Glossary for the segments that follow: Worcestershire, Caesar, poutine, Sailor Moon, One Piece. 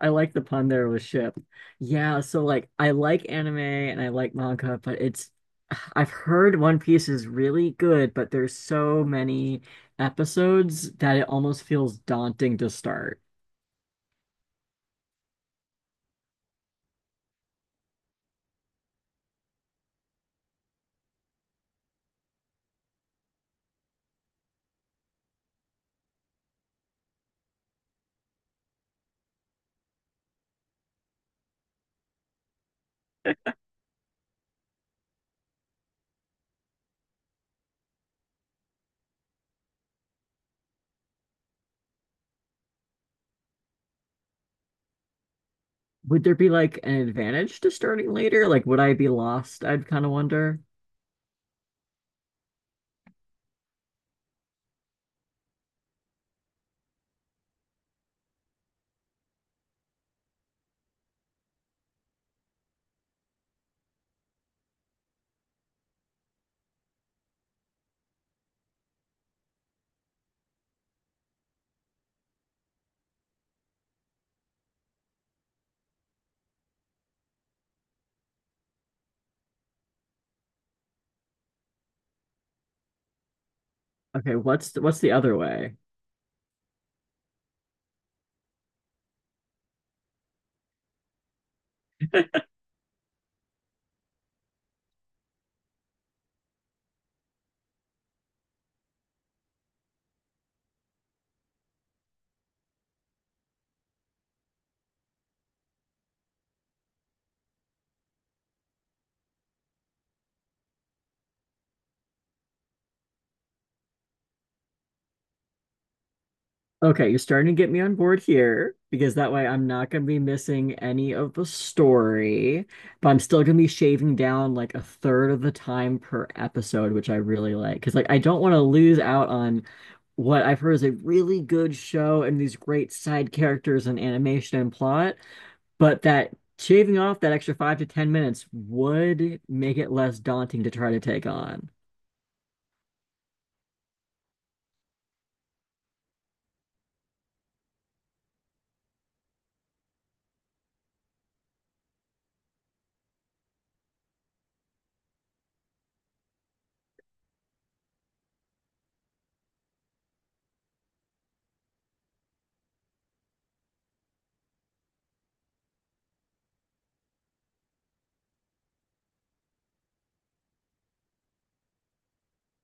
I like the pun there with ship. Yeah, so I like anime and I like manga, but it's I've heard One Piece is really good, but there's so many episodes that it almost feels daunting to start. Would there be like an advantage to starting later? Like would I be lost? I'd kind of wonder. Okay, what's the other way? Okay, you're starting to get me on board here because that way I'm not going to be missing any of the story, but I'm still going to be shaving down like a third of the time per episode, which I really like. Because like I don't want to lose out on what I've heard is a really good show and these great side characters and animation and plot, but that shaving off that extra 5 to 10 minutes would make it less daunting to try to take on.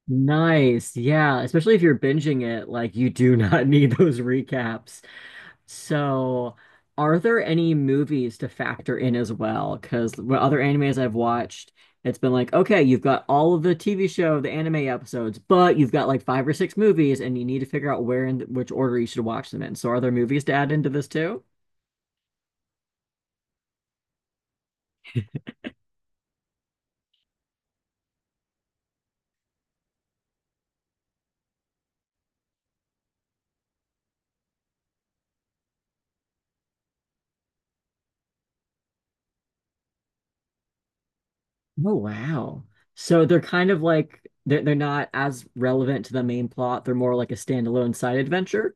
Nice. Yeah, especially if you're binging it, like you do not need those recaps. So, are there any movies to factor in as well? Because what other animes I've watched, it's been like, okay, you've got all of the TV show, the anime episodes, but you've got like five or six movies, and you need to figure out where and which order you should watch them in. So, are there movies to add into this too? Oh, wow. So they're kind of like they're not as relevant to the main plot. They're more like a standalone side adventure.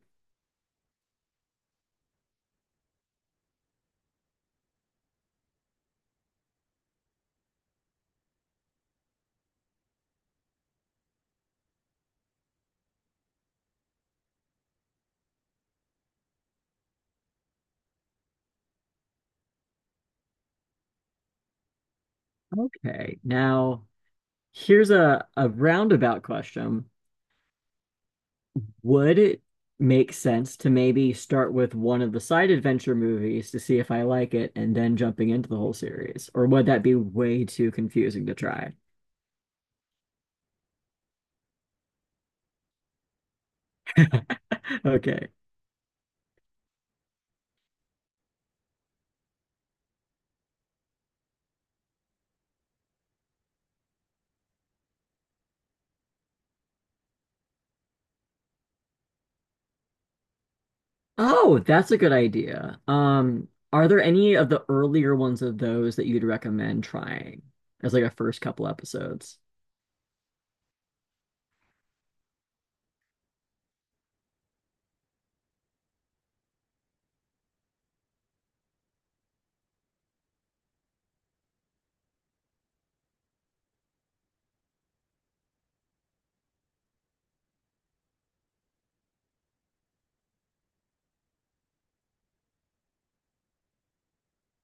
Okay. Now here's a roundabout question. Would it make sense to maybe start with one of the side adventure movies to see if I like it and then jumping into the whole series? Or would that be way too confusing to try? Okay. Oh, that's a good idea. Are there any of the earlier ones of those that you'd recommend trying as like a first couple episodes?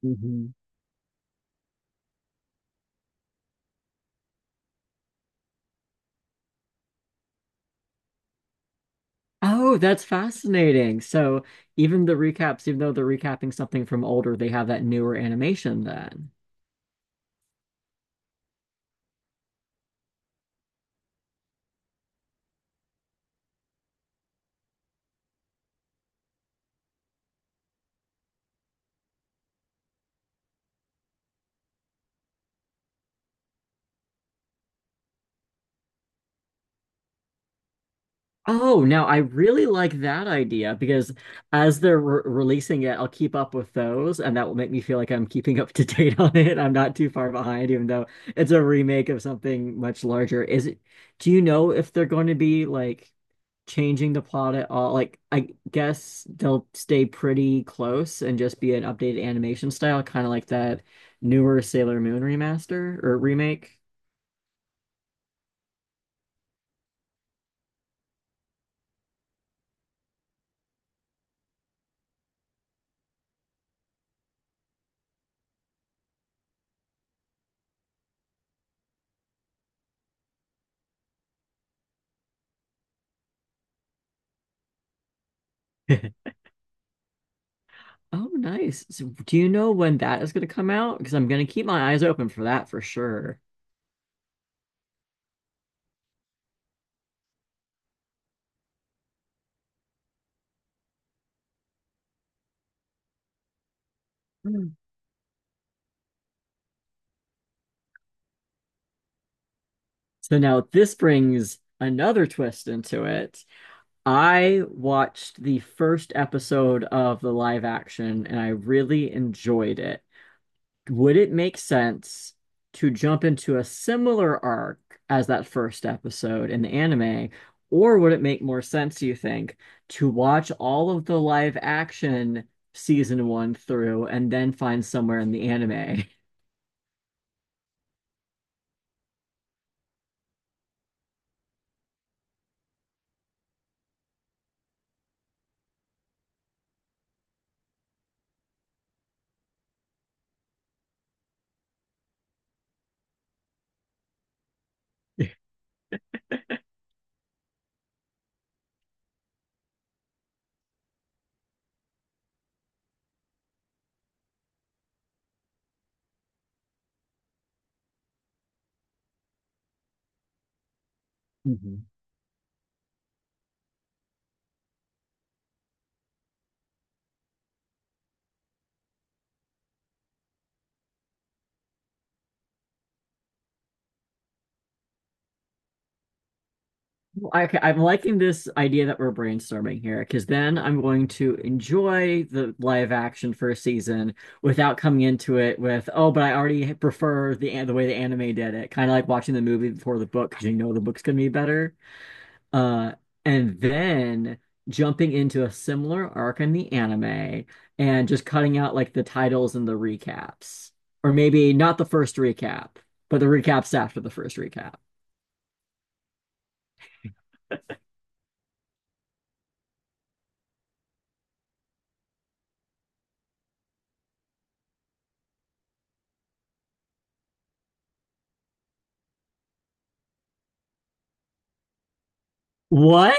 Mhm. Oh, that's fascinating. So even the recaps, even though they're recapping something from older, they have that newer animation then. Oh, now I really like that idea because as they're re releasing it, I'll keep up with those, and that will make me feel like I'm keeping up to date on it. I'm not too far behind, even though it's a remake of something much larger. Do you know if they're going to be like changing the plot at all? Like, I guess they'll stay pretty close and just be an updated animation style, kind of like that newer Sailor Moon remaster or remake. Oh, nice. So do you know when that is going to come out? Because I'm going to keep my eyes open for that for sure. Mm. So now this brings another twist into it. I watched the first episode of the live action and I really enjoyed it. Would it make sense to jump into a similar arc as that first episode in the anime, or would it make more sense, you think, to watch all of the live action season one through and then find somewhere in the anime? Okay, I'm liking this idea that we're brainstorming here because then I'm going to enjoy the live action first season without coming into it with, oh, but I already prefer the way the anime did it. Kind of like watching the movie before the book because you know the book's gonna be better. Uh, and then jumping into a similar arc in the anime and just cutting out like the titles and the recaps, or maybe not the first recap, but the recaps after the first recap. What?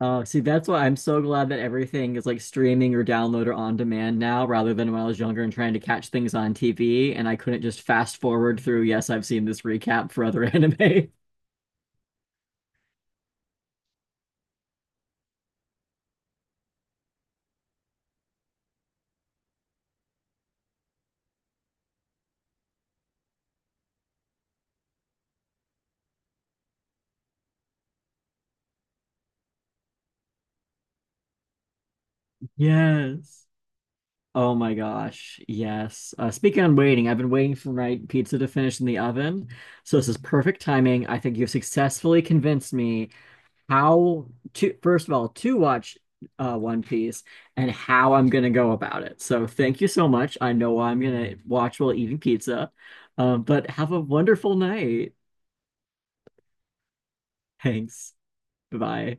Oh, see, that's why I'm so glad that everything is like streaming or download or on demand now, rather than when I was younger and trying to catch things on TV and I couldn't just fast forward through, yes, I've seen this recap for other anime. Yes. Oh my gosh. Yes. Speaking on waiting, I've been waiting for my pizza to finish in the oven. So this is perfect timing. I think you've successfully convinced me how to first of all to watch One Piece and how I'm gonna go about it. So thank you so much. I know I'm gonna watch while eating pizza, but have a wonderful night. Thanks. Bye.